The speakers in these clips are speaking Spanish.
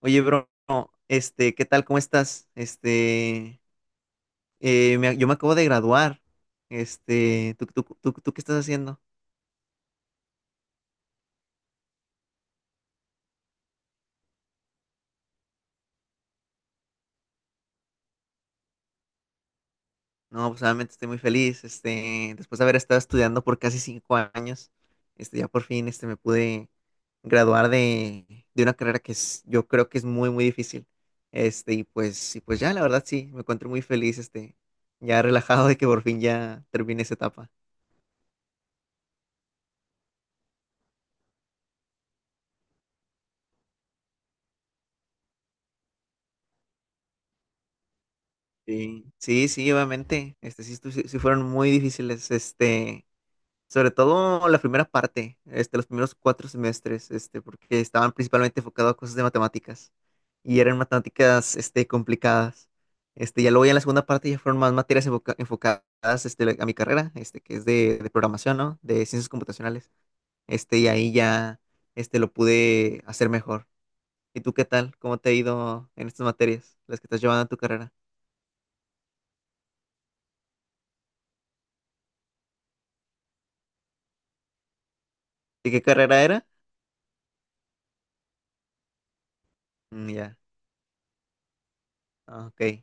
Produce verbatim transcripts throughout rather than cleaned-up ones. Oye, bro, este, ¿qué tal? ¿Cómo estás? Este, eh, me- yo me acabo de graduar. Este, ¿tú, tú, tú, tú qué estás haciendo? No, pues obviamente estoy muy feliz. Este, después de haber estado estudiando por casi cinco años, este, ya por fin, este, me pude graduar de, de una carrera que es, yo creo que es muy, muy difícil. Este, y pues, y pues ya, la verdad sí, me encuentro muy feliz, este, ya relajado de que por fin ya termine esa etapa. Sí, sí, sí, obviamente. Este sí, estu- sí- sí fueron muy difíciles. Este, sobre todo la primera parte, este, los primeros cuatro semestres, este, porque estaban principalmente enfocados a cosas de matemáticas. Y eran matemáticas, este, complicadas. Este, ya luego ya en la segunda parte ya fueron más materias enfoca- enfocadas, este, a mi carrera, este, que es de, de programación, ¿no? De ciencias computacionales. Este, y ahí ya, este, lo pude hacer mejor. ¿Y tú qué tal? ¿Cómo te ha ido en estas materias, las que estás llevando en tu carrera? ¿Y qué carrera era? Mm, ya, ah, ok.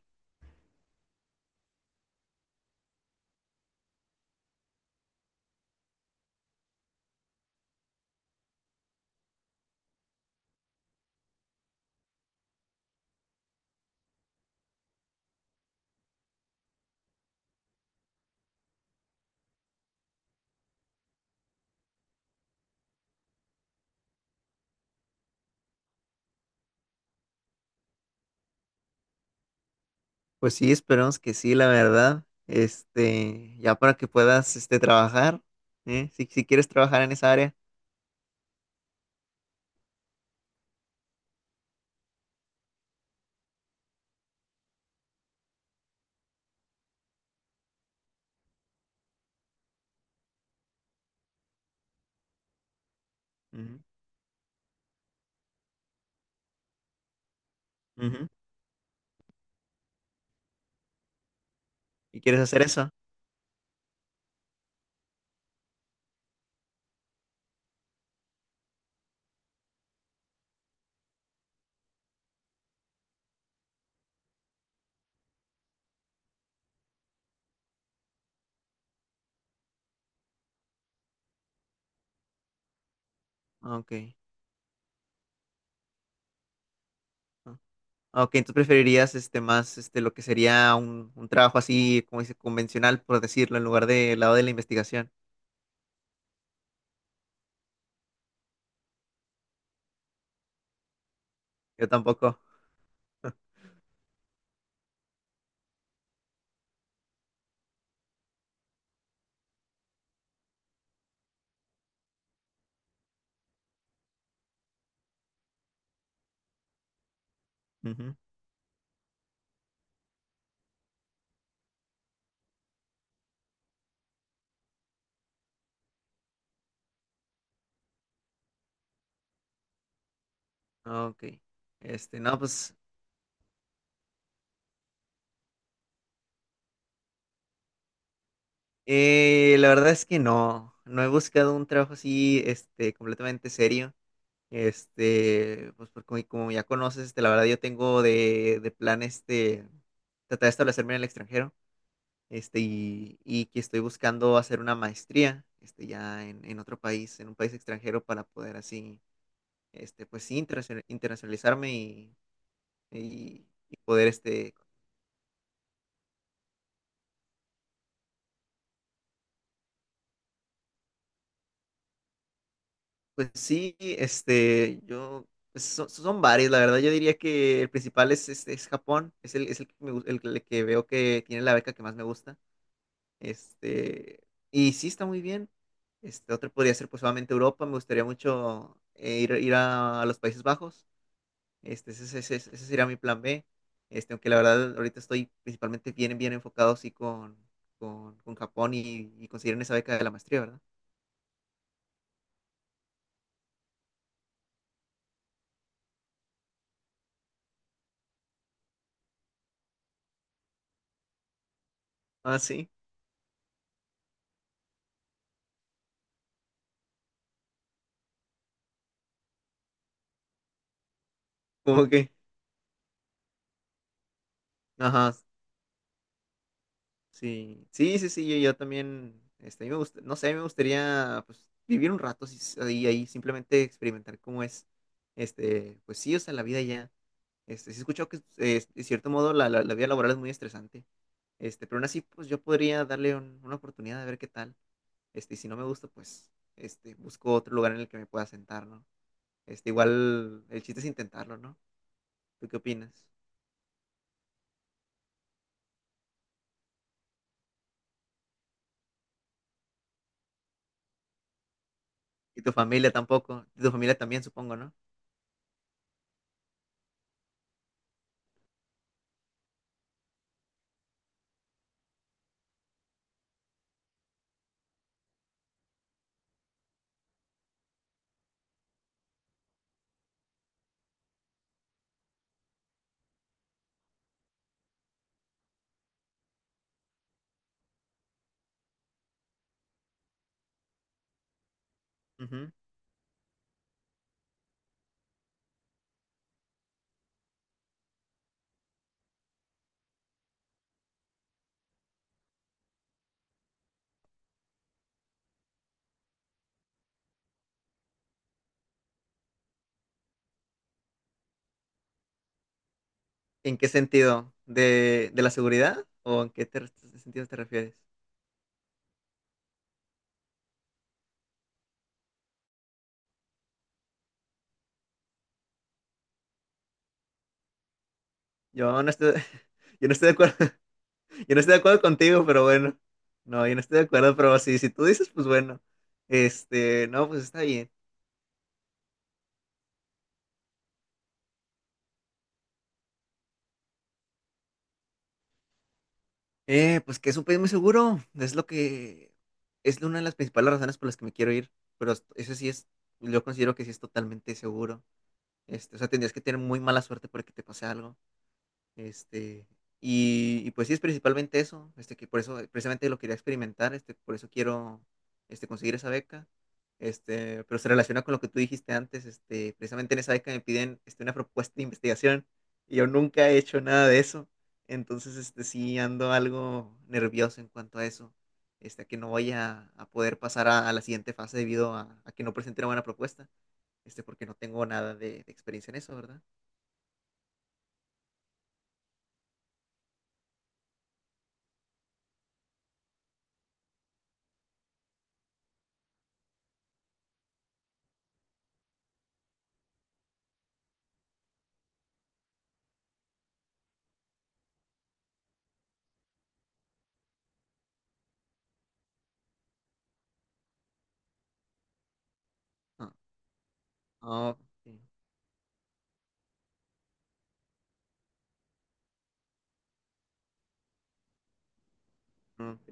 Pues sí, esperemos que sí, la verdad. Este, ya para que puedas, este, trabajar, ¿eh? Si, si quieres trabajar en esa área. Ujú, ujú. ¿Y quieres hacer eso? Ah, ok. Ah, ah, ok, entonces preferirías, este, más, este, lo que sería un, un trabajo así, como dice, convencional, por decirlo, en lugar del lado de la investigación. Yo tampoco. Ujú. Ah, ok. Este, no, pues, eh, la verdad es que no, no he buscado un trabajo así, este, completamente serio. Este, pues porque como como ya conoces, este, la verdad yo tengo de, de plan este, tratar de establecerme en el extranjero, este, y, y que estoy buscando hacer una maestría, este, ya en, en otro país, en un país extranjero para poder así, este, pues sí, internacion- internacionalizarme y, y, y poder, este, pues sí, este, yo, pues, son, son varios, la verdad yo diría que el principal es, es, es Japón, es el, es el que me gu- el que el que veo que tiene la beca que más me gusta. Este, y sí está muy bien. Este, otro podría ser pues solamente Europa. Me gustaría mucho eh, ir, ir a, a los Países Bajos. Este, ese, ese- ese- ese sería mi plan be. Este, aunque la verdad ahorita estoy principalmente bien, bien enfocado sí con, con, con Japón y, y conseguir esa beca de la maestría, ¿verdad? Ah, sí. Como que, ajá, sí. Sí, sí, sí, yo, yo también, este, a mí me gusta, no sé, a mí me gustaría pues vivir un rato sí, ahí, ahí, simplemente experimentar cómo es, este, pues sí, o sea, la vida ya. Este, sí he escuchado que, eh, de cierto modo, la, la, la vida laboral es muy estresante. Este, pero aún así, pues yo podría darle un- una oportunidad de ver qué tal. Este, y si no me gusta, pues, este, busco otro lugar en el que me pueda sentar, ¿no? Este, igual el chiste es intentarlo, ¿no? ¿Tú qué opinas? Y tu familia tampoco. Y tu familia también, supongo, ¿no? Ujú. ¿En qué sentido? ¿De, de la seguridad? ¿O en qué te- sentido te refieres? Yo no estoy, yo no estoy de acuerdo. Yo no estoy de acuerdo contigo, pero bueno. No, yo no estoy de acuerdo, pero sí, si tú dices, pues bueno. Este, no, pues está bien. Eh, pues que es un país muy seguro. Es lo que es una de las principales razones por las que me quiero ir. Pero est- eso sí es, yo considero que sí es totalmente seguro. Este, o sea, tendrías que tener muy mala suerte para que te pase algo. Este, y, y pues sí, es principalmente eso, este, que por eso eh, precisamente lo quería experimentar, este, por eso quiero este, conseguir esa beca. Este, pero se relaciona con lo que tú dijiste antes, este, precisamente en esa beca me piden este, una propuesta de investigación y yo nunca he hecho nada de eso, entonces este, sí ando algo nervioso en cuanto a eso, este, a que no voy a, a poder pasar a, a la siguiente fase debido a, a que no presenté una buena propuesta, este, porque no tengo nada de, de experiencia en eso, ¿verdad? Ah, ah, ok, ok.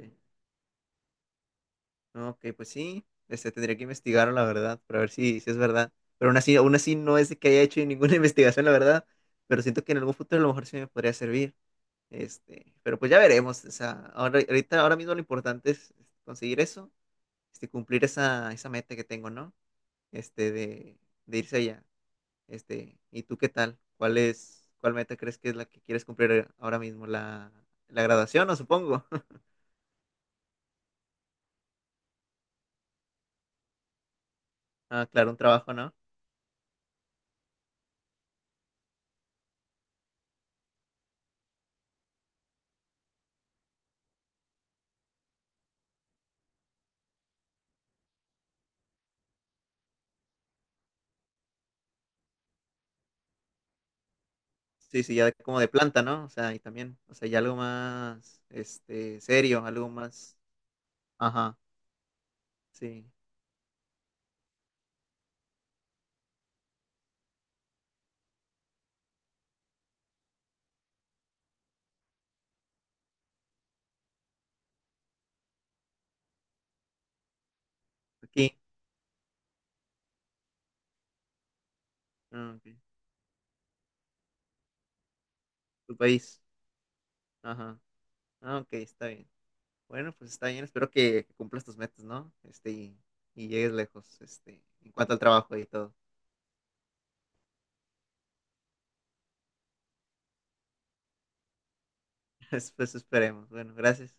No, ok, pues sí, este, tendría que investigarlo, la verdad, para ver si, si es verdad. Pero aún así, aún así no es de que haya hecho ninguna investigación, la verdad, pero siento que en algún futuro a lo mejor sí me podría servir. Este, pero pues ya veremos, o sea, ahora, ahorita, ahora mismo lo importante es conseguir eso, este, cumplir esa, esa meta que tengo, ¿no? Este, de, de irse allá. Este, ¿y tú qué tal? ¿Cuál es, cuál meta crees que es la que quieres cumplir ahora mismo? ¿La, la graduación, no supongo? Ah, claro, un trabajo, ¿no? Sí, sí, ya de- como de planta, ¿no? O sea, y también, o sea, ya algo más, este, serio, algo más, ajá, sí, aquí, ah, ok, Tu país, ajá, ah, ok, está bien. Bueno, pues está bien, espero que cumplas tus metas, ¿no? Este, y, y llegues lejos, este, en cuanto al trabajo y todo. Pues esperemos. Bueno, gracias.